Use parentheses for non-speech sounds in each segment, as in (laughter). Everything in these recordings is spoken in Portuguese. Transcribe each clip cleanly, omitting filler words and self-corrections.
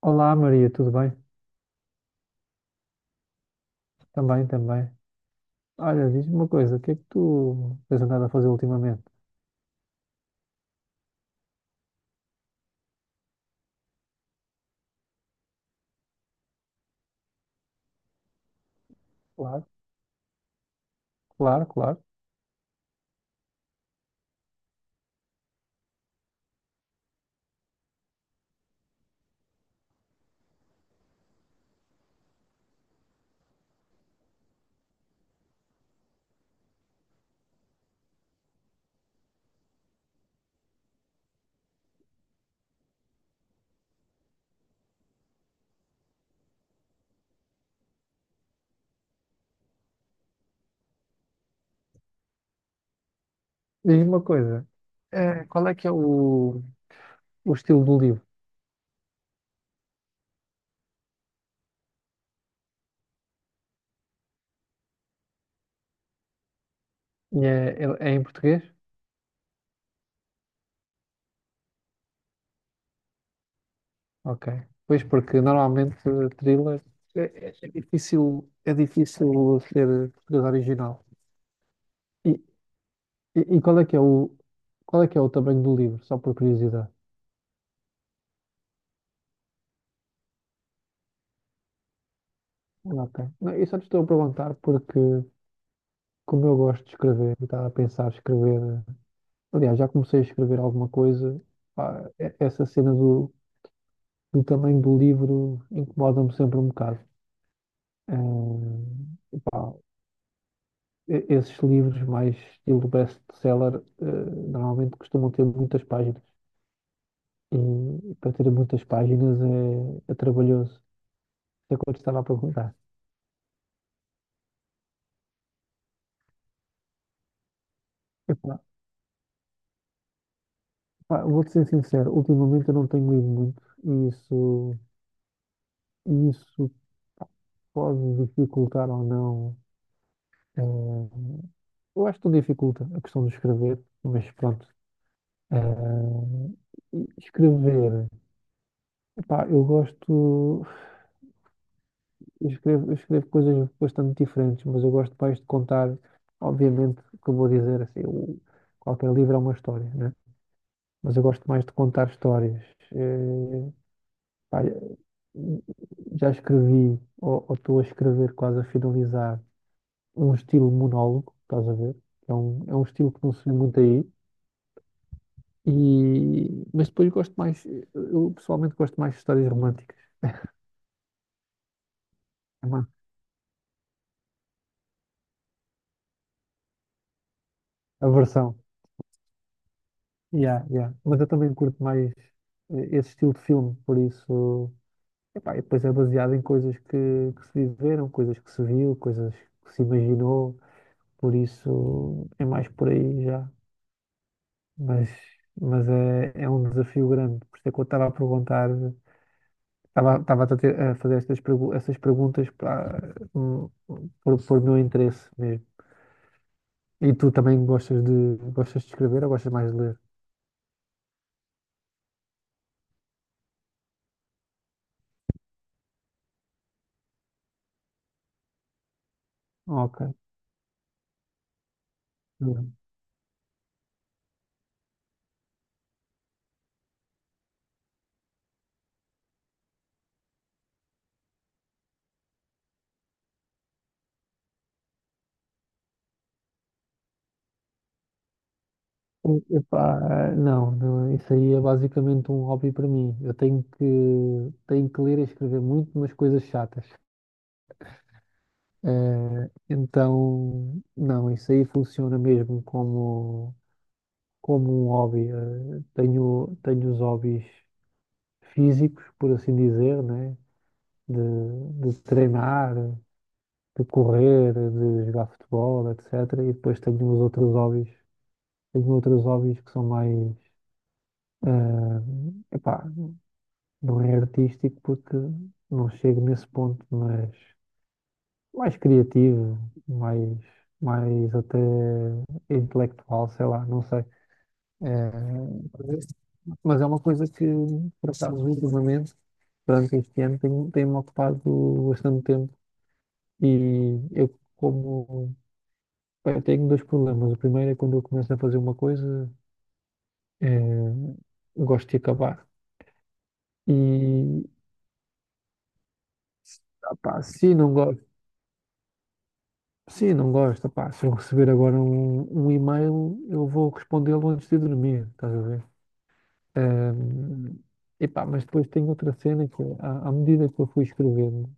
Olá Maria, tudo bem? Também, também. Olha, diz-me uma coisa, o que é que tu tens andado a fazer ultimamente? Claro, claro, claro. Diz-me uma coisa, qual é que é o estilo do livro? E é, é em português? Ok. Pois, porque normalmente thriller é, é difícil ser português original. E, e qual é que é qual é que é o tamanho do livro? Só por curiosidade. Ok. Não, eu só te estou a perguntar porque, como eu gosto de escrever, eu estava a pensar em escrever. Aliás, já comecei a escrever alguma coisa. Pá, essa cena do tamanho do livro incomoda-me sempre um bocado. Eh, pá, Esses livros mais estilo best-seller, normalmente costumam ter muitas páginas. E para ter muitas páginas é, é trabalhoso. É quando estava a perguntar. Epá, pá, vou-te ser sincero, ultimamente eu não tenho lido muito e isso pode dificultar ou não. Eh, eu acho que tudo dificulta a questão de escrever, mas pronto. Eh, escrever, epá, eu gosto, eu escrevo coisas bastante diferentes, mas eu gosto mais de contar, obviamente, o que eu vou dizer, assim, qualquer livro é uma história, né? Mas eu gosto mais de contar histórias. Eh, pá, já escrevi, ou estou a escrever quase a finalizar, um estilo monólogo, estás a ver? É um estilo que não se vê muito aí. E, mas depois gosto mais, eu pessoalmente gosto mais de histórias românticas. É uma a Yeah, yeah. Mas eu também curto mais esse estilo de filme, por isso. Epá, e depois é baseado em coisas que se viveram, coisas que se viu, coisas que se imaginou, por isso é mais por aí já. Mas, mas é, é um desafio grande, por isso é que eu estava a perguntar, a fazer essas perguntas para, por meu interesse mesmo. E tu também gostas de escrever ou gostas mais de ler? Ok. Hum. Epá, não, não, isso aí é basicamente um hobby para mim. Eu tenho que ler e escrever muito, mas coisas chatas. Então, não, isso aí funciona mesmo como como um hobby. Eh, tenho os hobbies físicos, por assim dizer, né? De, de treinar, de correr, de jogar futebol, etc. E depois tenho os outros hobbies. Tenho outros hobbies que são mais, ah, epá, não é artístico porque não chego nesse ponto, mas mais criativo, mais, mais até intelectual, sei lá, não sei. Eh, mas é uma coisa que, por acaso, ultimamente, durante este ano, tem-me ocupado bastante tempo e eu como... Bem, eu tenho dois problemas. O primeiro é quando eu começo a fazer uma coisa, eh, gosto de acabar. E, ah, pá, se não gosto, se não gosto, pá, se eu receber agora um e-mail, eu vou respondê-lo antes de dormir, estás a ver? Ahm, epá, mas depois tem outra cena que, é, à medida que eu fui escrevendo,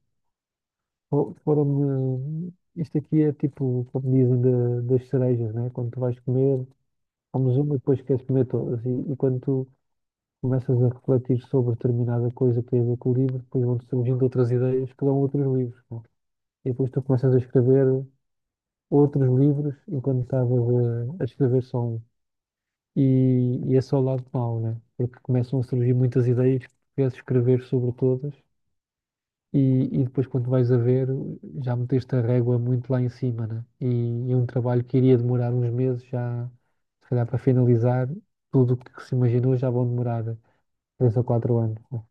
foram-me. Isto aqui é tipo, como dizem, das cerejas, né? Quando tu vais comer, comes uma e depois queres comer todas. E quando tu começas a refletir sobre determinada coisa que tem a ver com o livro, depois vão-te surgindo outras ideias que dão outros livros. Não é? E depois tu começas a escrever outros livros enquanto estava a escrever solo. E esse é o lado mau, né? Porque começam a surgir muitas ideias que queres escrever sobre todas e, e depois quando vais a ver já meteste a régua muito lá em cima, né? E é um trabalho que iria demorar uns meses já, se calhar para finalizar, tudo o que se imaginou já vão demorar três ou quatro anos. Né?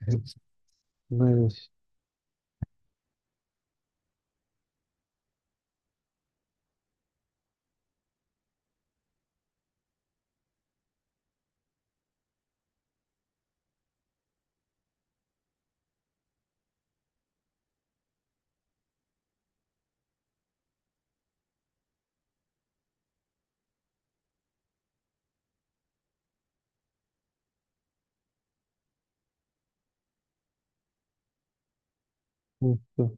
(laughs) Mas, pronto.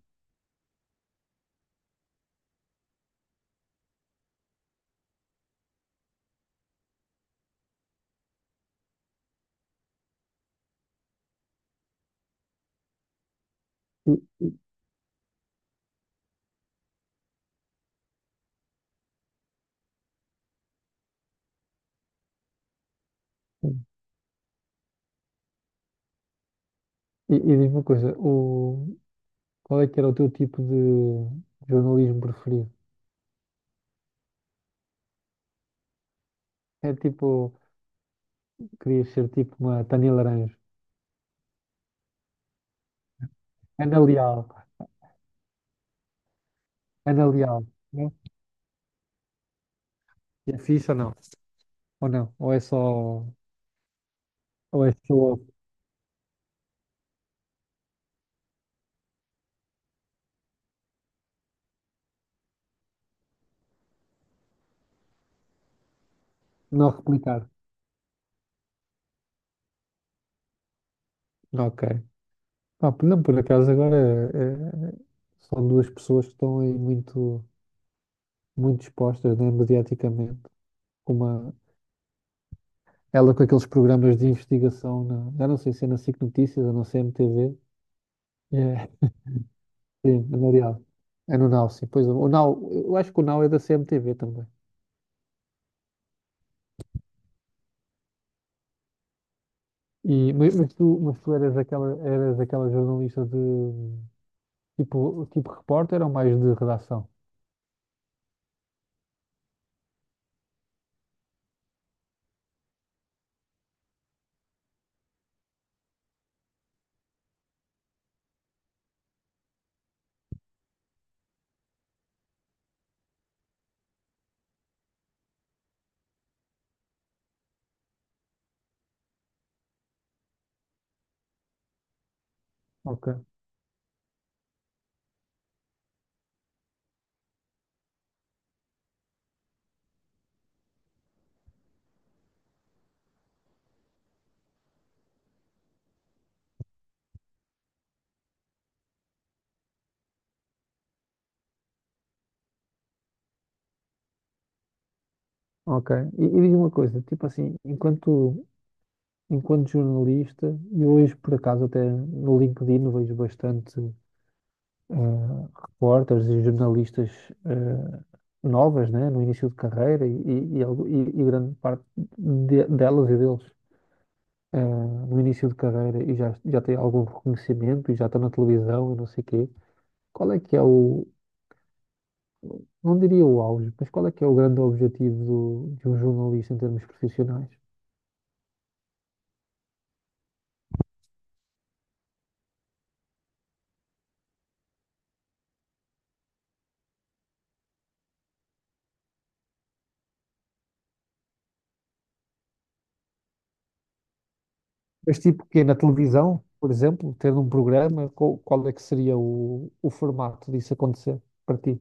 e, e diz-me uma coisa, qual é que era o teu tipo de jornalismo preferido? É tipo, querias ser tipo uma Tânia Laranjo. Ana Leal, Ana Leal, né? E é fixe ou não? Ou não? Ou é só não replicar? Ok. Pá, não, por acaso agora são duas pessoas que estão aí muito, muito expostas, né, mediaticamente. Uma, ela com aqueles programas de investigação, na, já não sei se é na SIC Notícias ou na CMTV. É, sim, é na Real. É no Nau, sim. Pois, o Nau, eu acho que o Nau é da CMTV também. Mas tu, eras aquela jornalista de tipo, tipo repórter ou mais de redação? Ok, ok. E diz-me uma coisa, tipo assim, enquanto jornalista, e hoje por acaso até no LinkedIn vejo bastante repórteres e jornalistas eh, novas, né, no início de carreira e grande parte delas e deles, eh, no início de carreira e já, já tem algum reconhecimento e já estão na televisão e não sei quê. Qual é que é não diria o auge, mas qual é que é o grande objetivo de um jornalista em termos profissionais? Mas tipo que na televisão, por exemplo, tendo um programa, qual é que seria o formato disso acontecer para ti?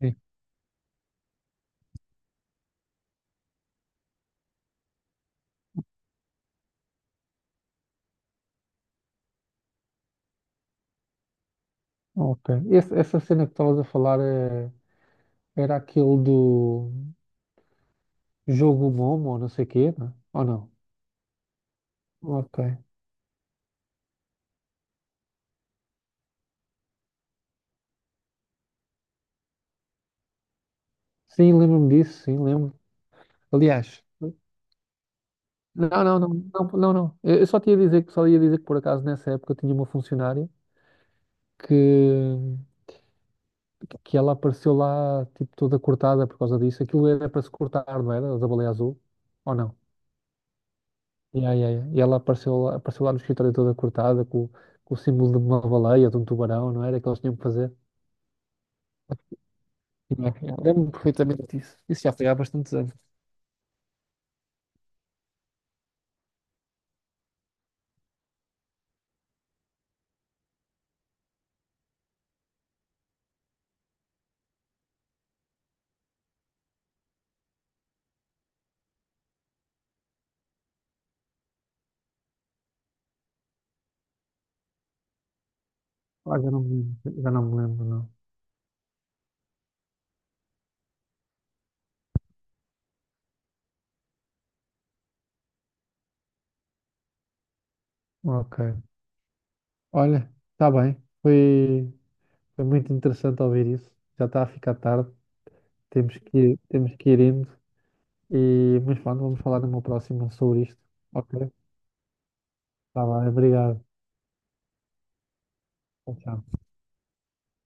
Sim. Ok. Essa cena que estavas a falar era aquele do jogo Momo, ou não sei o quê, não é? Ou não? Ok. Sim, lembro-me disso, sim, lembro. Aliás, não, não, não, não, não, não. Eu só te ia dizer que só ia dizer que por acaso nessa época eu tinha uma funcionária que, que ela apareceu lá, tipo, toda cortada por causa disso. Aquilo era para se cortar, não era? Da baleia azul? Ou não? Yeah, yeah, yeah. E ela apareceu lá no escritório toda cortada, com o símbolo de uma baleia, de um tubarão, não era? Que eles tinham que fazer. Yeah, yeah. Lembro-me perfeitamente disso. Isso já foi há bastantes anos. Ah, já não me lembro, já não me lembro, não. Ok. Olha, está bem. Foi, foi muito interessante ouvir isso. Já está a ficar tarde. Temos que ir indo. E, mas pronto, vamos falar no meu próximo sobre isto. Ok? Tá bem, obrigado. Tchau, tchau.